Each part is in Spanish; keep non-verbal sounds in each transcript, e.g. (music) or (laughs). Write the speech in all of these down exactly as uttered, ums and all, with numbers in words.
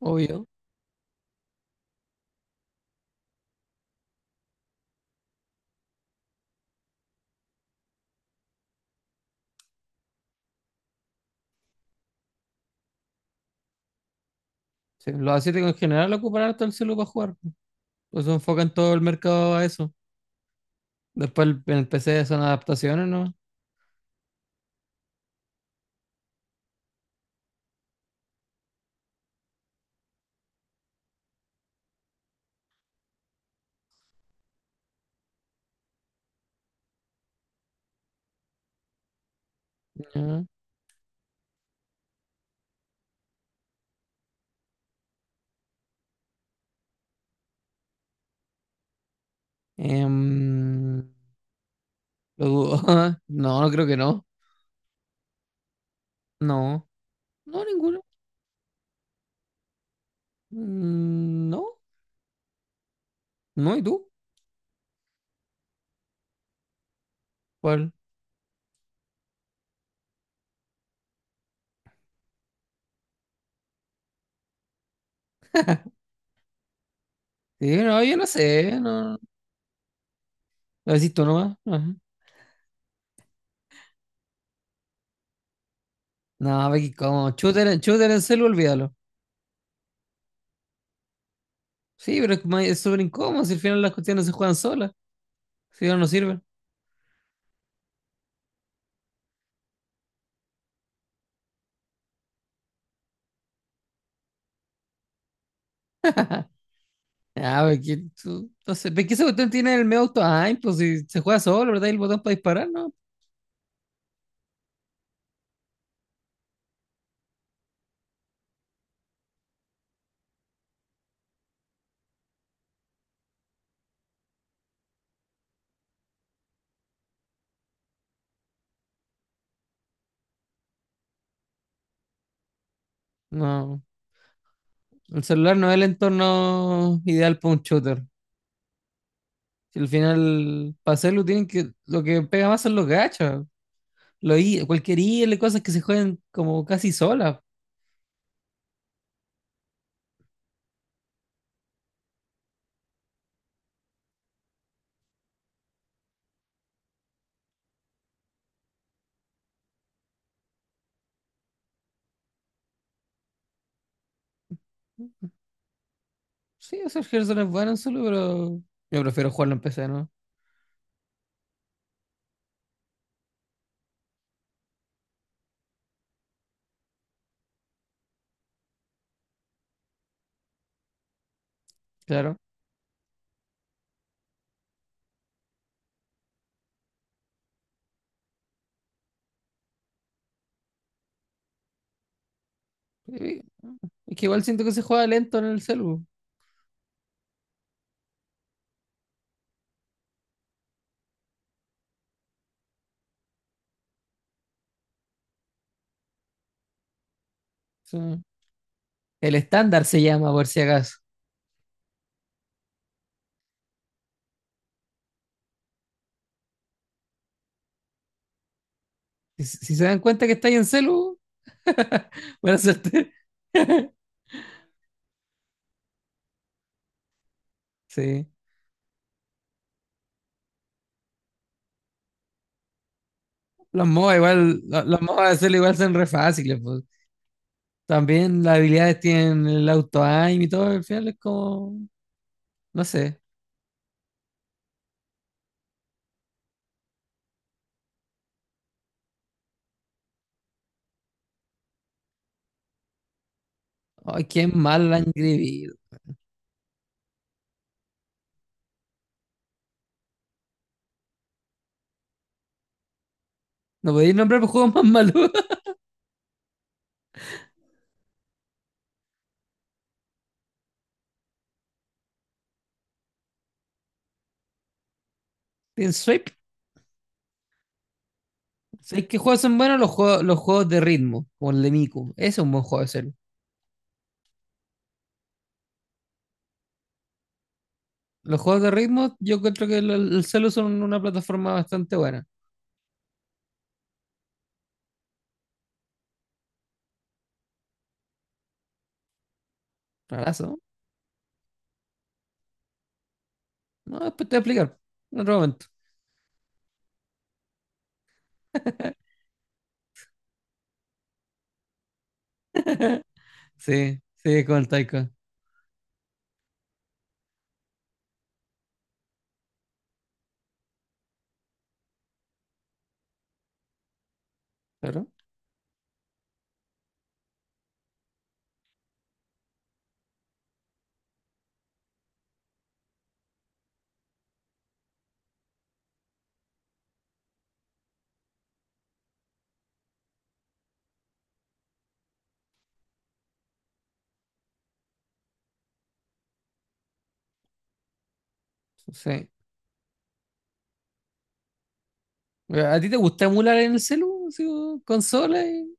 Obvio. Sí, los asiáticos en general ocupan harto el celu para jugar. Pues se enfocan todo el mercado a eso. Después el, en el P C son adaptaciones, ¿no? Ya. Em, lo dudo. (laughs) No, no creo que no. No. No, ninguno. Mm, no. No, ¿y tú? ¿Cuál? Sí, no, yo no sé. No. Lo decís tú nomás. Ajá. No, Becky, ¿cómo? Shooter, en- shooter en celu, olvídalo. Sí, pero es que más- es súper incómodo. Si al final las cuestiones se juegan solas. Si no, no sirven. Ah, ve que tú. Entonces, ve que ese botón tiene el medio auto. Ay, pues si se juega solo, ¿verdad? Y el botón para disparar, ¿no? No. El celular no es el entorno ideal para un shooter. Si al final, para hacerlo, tienen que. Lo que pega más son los gachas. Lo i- cualquier I L, cosas que se juegan como casi solas. Sí, o sea, el Hearthstone es bueno en solo, pero. Yo prefiero jugarlo en P C, ¿no? Claro. Y- es que igual siento que se juega lento en el celu. O sea, el estándar se llama, por si acaso. Si, si se dan cuenta que estáis en celu. (laughs) Buena suerte. (laughs) Sí. Los MOBA igual, lo- los MOBA de hacerlo igual son re fáciles, pues. También las habilidades tienen el auto-aim y todo, al final es como, no sé. Ay, qué mal la han vivido. No podéis nombrar los juegos más malos. (laughs) Tienen Swipe. ¿Sabéis qué juegos son buenos? Los juegos, los juegos de ritmo, como el de Miku. Ese es un buen juego de celu. Los juegos de ritmo, yo creo que el, el celu son una plataforma bastante buena. Rarazo. No, no, después te voy a explicar. En otro momento. Sí, sí, con el Taika. Pero. Sí. ¿A ti te gusta emular en el celu, así, o consola y-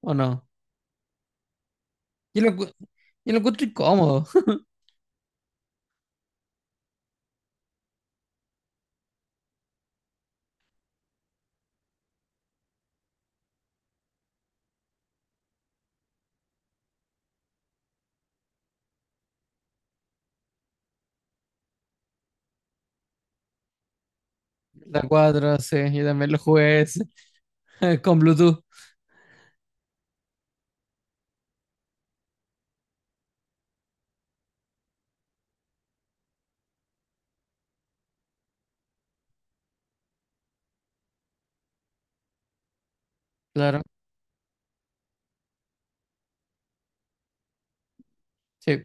o no? Yo lo, encu- yo lo encuentro incómodo. (laughs) La cuatro, sí, yo también lo jugué ese, (laughs) con Bluetooth, claro. Sí,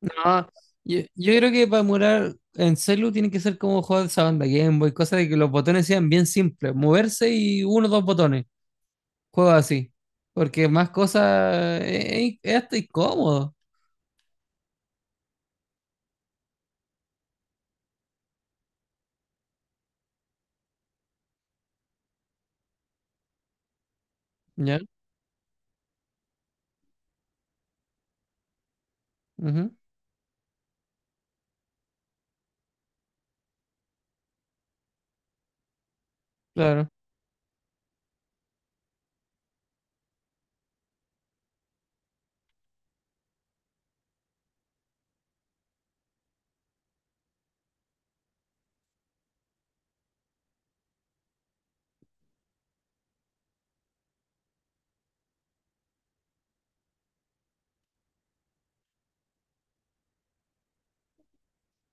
no, yo, yo creo que para emular en celu tiene que ser como juegos de esa banda Game Boy, cosas de que los botones sean bien simples, moverse y uno o dos botones, juegos así. Porque más cosas es, es hasta incómodo, ¿ya? Ujú, claro,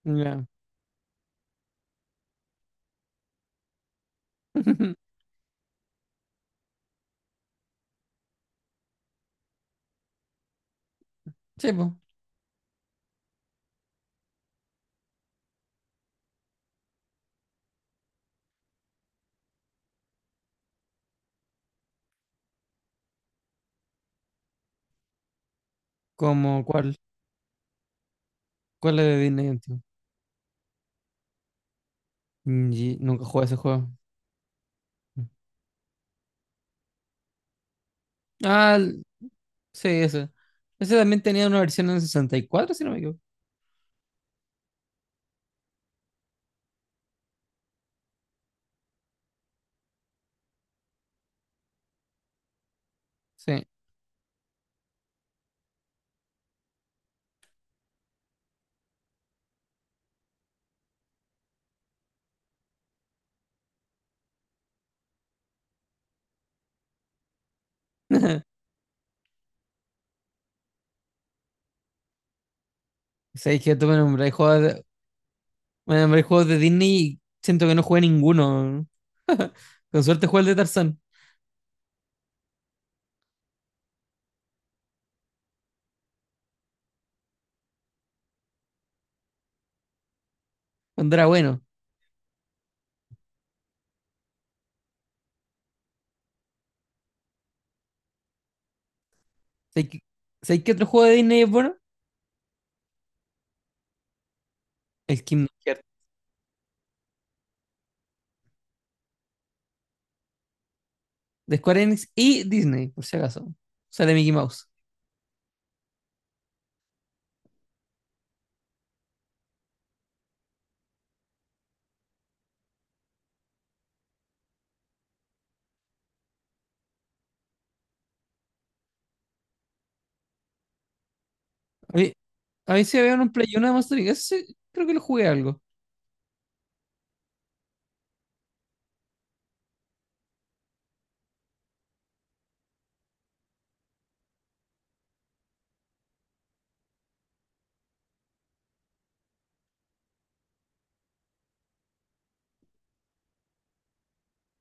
ya. (laughs) Sí, pues, como cuál, ¿cuál es de Disney antiguo? Mm, y nunca jugué ese juego. Ah, el- sí, ese. Ese también tenía una versión en sesenta y cuatro, si no me equivoco. Sí. (laughs) Sabes que tú me nombráis juegos de, me nombráis juegos de Disney y siento que no jugué ninguno. (laughs) Con suerte jugué el de Tarzán, cuando era bueno. ¿Sabes qué, sabes qué otro juego de Disney es bueno? El Kingdom Hearts. De Square Enix y Disney, por si acaso. Sale Mickey Mouse. A mí, a mí sí había un Play uno de Monster inc. Ese sí, creo que lo jugué algo.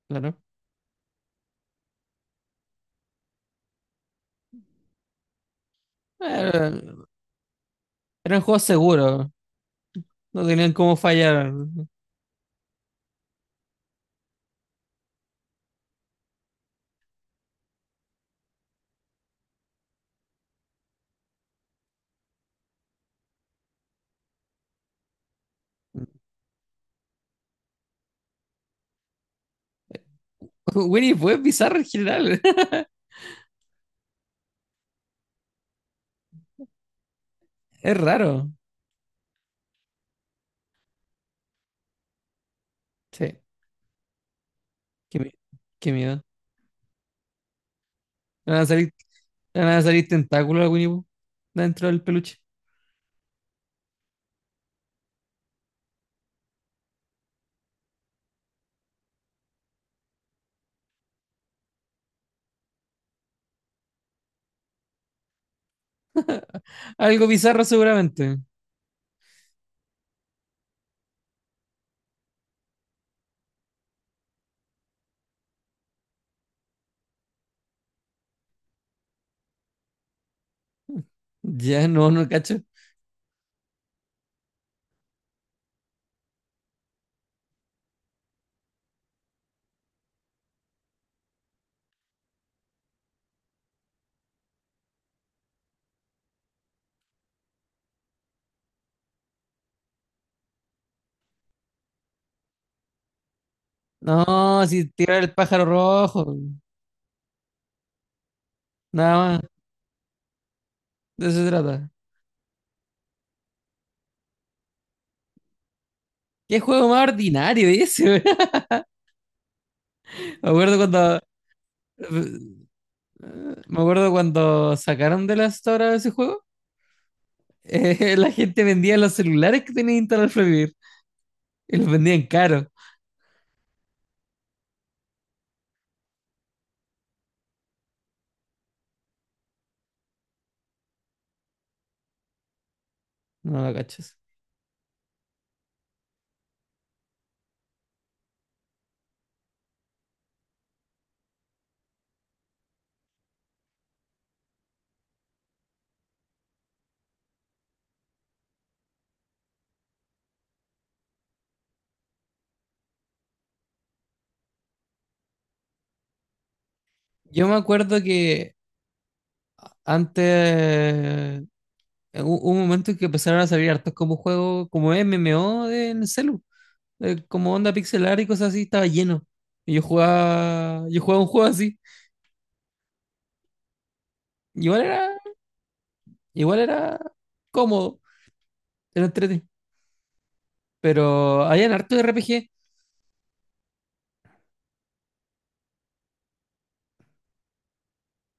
Claro. Era- eran juegos seguros. No tenían cómo fallar. (laughs) Winnie fue bizarro en general. (laughs) Es raro. Sí, qué, mi- qué miedo. Le Van a salir, le van a salir tentáculos a Winnie Pooh dentro del peluche. Algo bizarro seguramente. Ya (laughs) no, no cacho. No, si tirar el pájaro rojo. Nada más. De eso se trata. ¿Qué juego más ordinario ese, weón? (laughs) Me acuerdo cuando, me acuerdo cuando sacaron de la store ese juego. (laughs) eh, la gente vendía los celulares que tenía instalado Flappy Bird y los vendían caro. No, no cacho eso. Yo me acuerdo que antes, eh, hu- hubo un momento en que empezaron a salir hartos como juegos, como M M O en el celu, eh, como onda pixelar y cosas así, estaba lleno. Y yo jugaba, yo jugaba un juego así. Igual era, igual era cómodo, era entretenido. Pero habían hartos de R P G,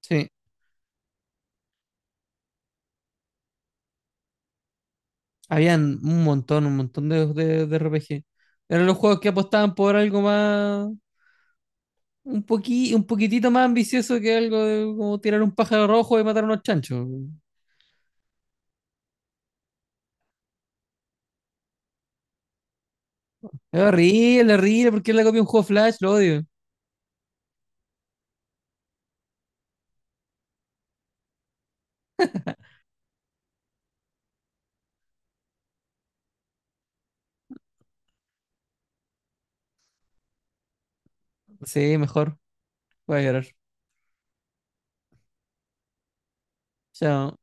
sí, habían un montón, un montón de, de, de R P G. Eran los juegos que apostaban por algo más, un poqui, un poquitito más ambicioso que algo de como tirar un pájaro rojo y matar unos chanchos. Es horrible, horrible. ¿Por qué le copia un juego Flash? Lo odio. Sí, mejor. Voy a llorar. Chao.